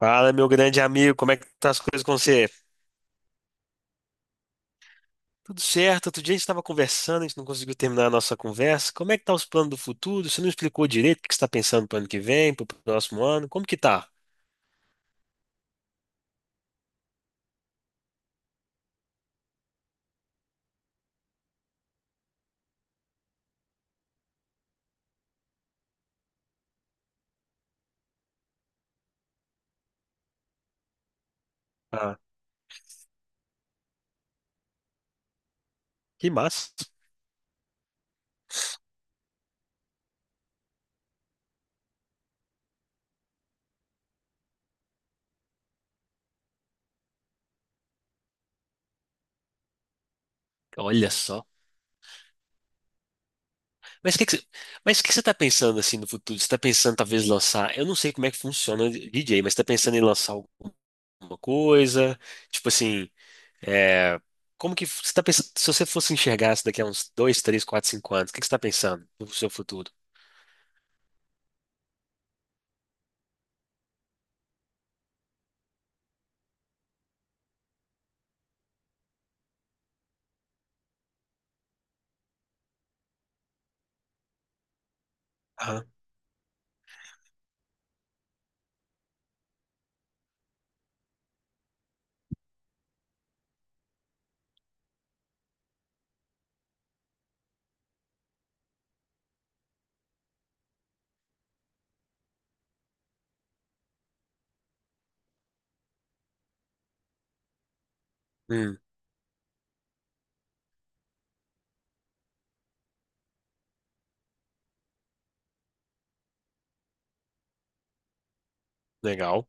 Fala, meu grande amigo, como é que tá as coisas com você? Tudo certo? Outro dia a gente estava conversando, a gente não conseguiu terminar a nossa conversa. Como é que tá os planos do futuro? Você não explicou direito o que você está pensando pro ano que vem, pro próximo ano? Como que tá? Ah, que massa. Olha só. Mas o que que você, mas o que que você tá pensando assim no futuro? Você tá pensando talvez lançar, eu não sei como é que funciona o DJ, mas você tá pensando em lançar alguma coisa? Tipo assim, é, como que você tá pensando, se você fosse enxergar isso daqui a uns dois, três, quatro, cinco anos, o que que você tá pensando no seu futuro? Ah, hum, legal.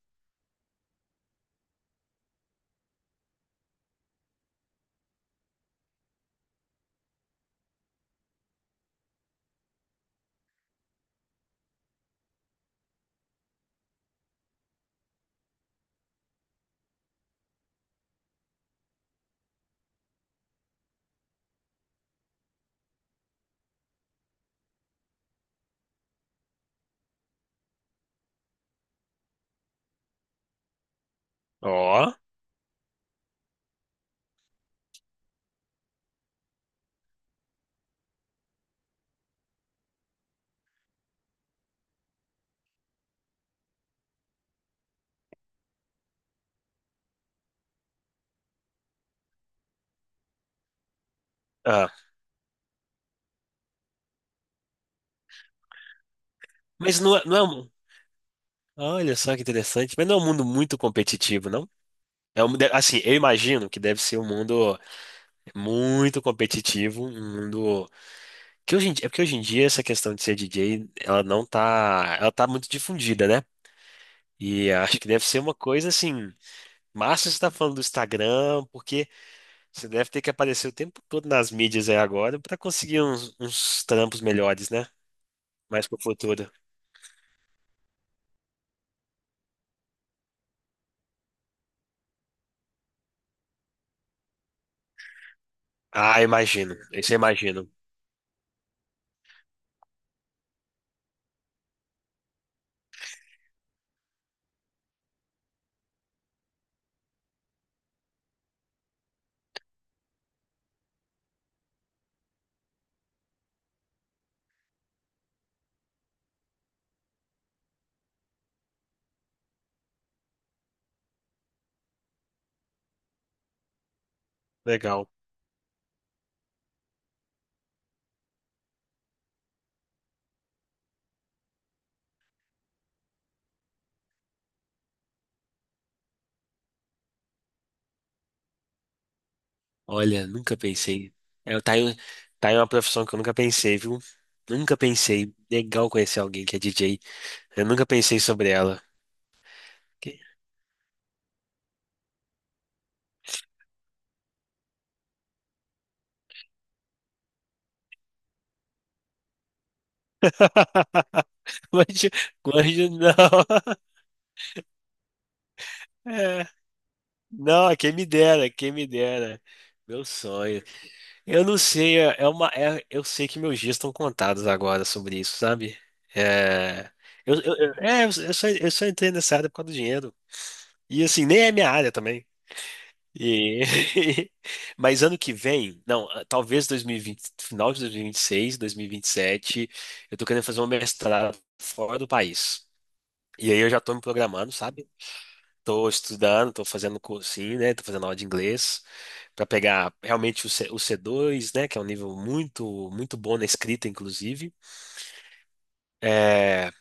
Ó. Ah, mas não é, não é um- Olha só que interessante. Mas não é um mundo muito competitivo, não? Assim, eu imagino que deve ser um mundo muito competitivo, um mundo que hoje em dia essa questão de ser DJ, ela não tá, ela tá muito difundida, né? E acho que deve ser uma coisa assim. Massa você está falando do Instagram, porque você deve ter que aparecer o tempo todo nas mídias aí agora para conseguir uns trampos melhores, né? Mais pro futuro. Ah, imagino. Isso eu imagino. Legal. Olha, nunca pensei. É, tá aí, um, tá aí uma profissão que eu nunca pensei, viu? Nunca pensei. Legal conhecer alguém que é DJ. Eu nunca pensei sobre ela. Que- Imagina, imagina, não. É. Não, é quem me dera, é quem me dera. Meu sonho. Eu não sei, eu sei que meus dias estão contados agora sobre isso, sabe? É, eu só entrei nessa área por causa do dinheiro. E assim, nem é minha área também. E, mas ano que vem, não, ah, talvez 2020, final de 2026, 2027, eu tô querendo fazer um mestrado fora do país. E aí eu já tô me programando, sabe? Estou estudando, estou fazendo cursinho, né? Estou fazendo aula de inglês para pegar realmente o C2, né? Que é um nível muito, muito bom na escrita, inclusive. É,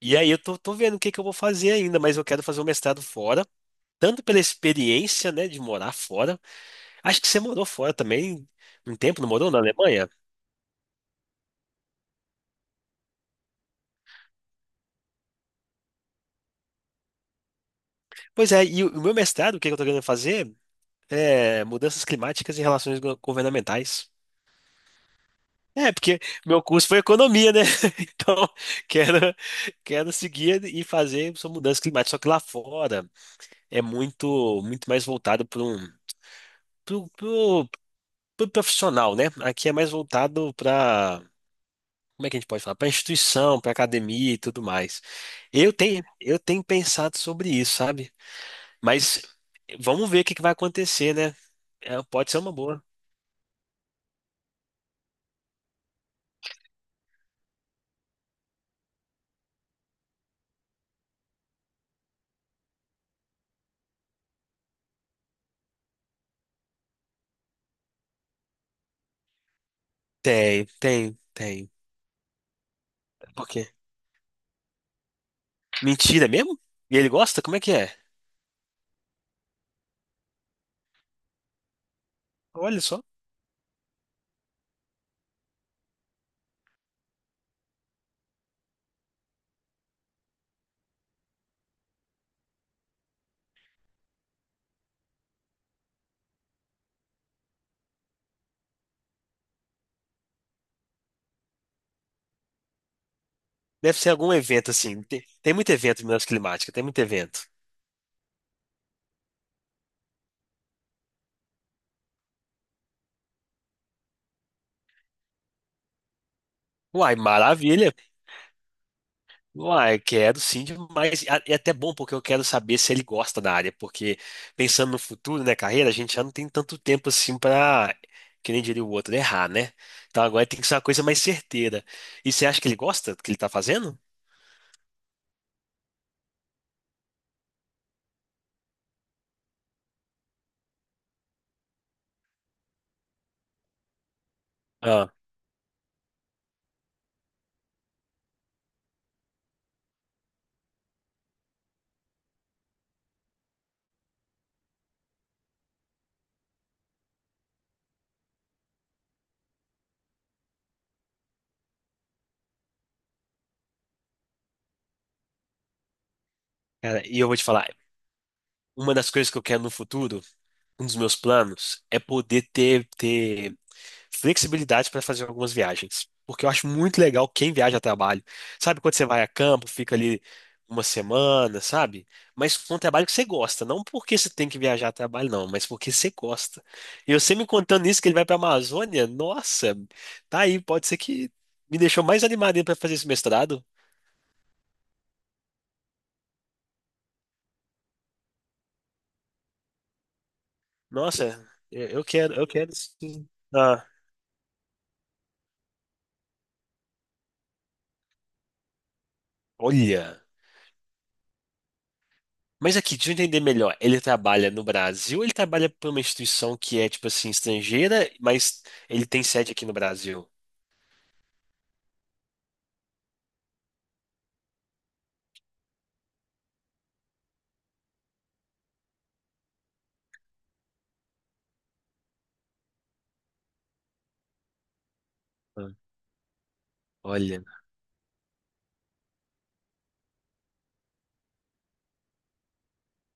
e aí eu tô, tô vendo o que que eu vou fazer ainda, mas eu quero fazer um mestrado fora, tanto pela experiência, né, de morar fora. Acho que você morou fora também um tempo, não morou na Alemanha? Pois é, e o meu mestrado, o que que eu tô querendo fazer? É mudanças climáticas e relações governamentais. É, porque meu curso foi economia, né? Então, quero, quero seguir e fazer essa mudança climática. Só que lá fora é muito, muito mais voltado para pro, pro, pro profissional, né? Aqui é mais voltado para, como é que a gente pode falar? Para instituição, para academia e tudo mais. Eu tenho pensado sobre isso, sabe? Mas vamos ver o que que vai acontecer, né? É, pode ser uma boa. Tem, tem, tem. Por quê? Mentira mesmo? E ele gosta? Como é que é? Olha só. Deve ser algum evento, assim. Tem, tem muito evento de mudança climática, tem muito evento. Uai, maravilha. Uai, quero sim demais. E a- e é até bom porque eu quero saber se ele gosta da área, porque pensando no futuro, né, carreira, a gente já não tem tanto tempo assim pra, que nem diria o outro, errar, né? Então agora tem que ser uma coisa mais certeira. E você acha que ele gosta do que ele tá fazendo? Ah, cara, e eu vou te falar, uma das coisas que eu quero no futuro, um dos meus planos, é poder ter flexibilidade para fazer algumas viagens. Porque eu acho muito legal quem viaja a trabalho. Sabe quando você vai a campo, fica ali uma semana, sabe? Mas com um trabalho que você gosta, não porque você tem que viajar a trabalho, não, mas porque você gosta. E você me contando isso, que ele vai para a Amazônia, nossa, tá aí, pode ser que me deixou mais animado para fazer esse mestrado. Nossa, eu quero, eu quero sim. Ah, olha. Mas aqui, deixa eu entender melhor. Ele trabalha no Brasil, ou ele trabalha para uma instituição que é, tipo assim, estrangeira, mas ele tem sede aqui no Brasil. Ah, olha,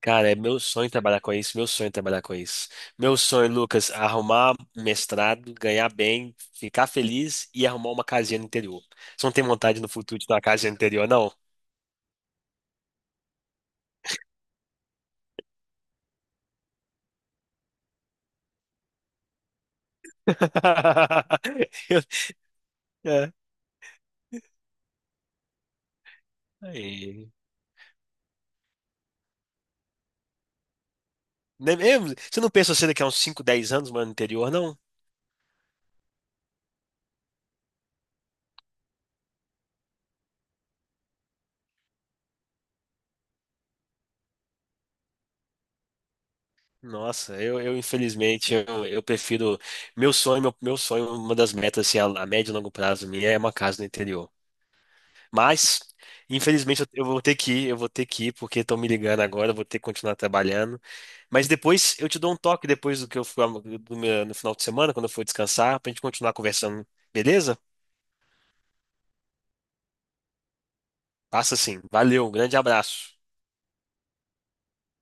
cara, é meu sonho trabalhar com isso, meu sonho é trabalhar com isso. Meu sonho, Lucas, é arrumar um mestrado, ganhar bem, ficar feliz e arrumar uma casinha no interior. Você não tem vontade no futuro de ter uma casinha no interior, não? Eu- é. Aí. Nem- eu- Você não pensa assim daqui a uns 5 10 anos, mano, anterior, não? Nossa, eu infelizmente, eu prefiro. Meu sonho, uma das metas, assim, a médio e longo prazo minha é uma casa no interior. Mas, infelizmente, eu vou ter que ir, eu vou ter que ir, porque estão me ligando agora, eu vou ter que continuar trabalhando. Mas depois eu te dou um toque depois do que eu fui do meu- no final de semana, quando eu for descansar, pra gente continuar conversando, beleza? Passa sim. Valeu, um grande abraço.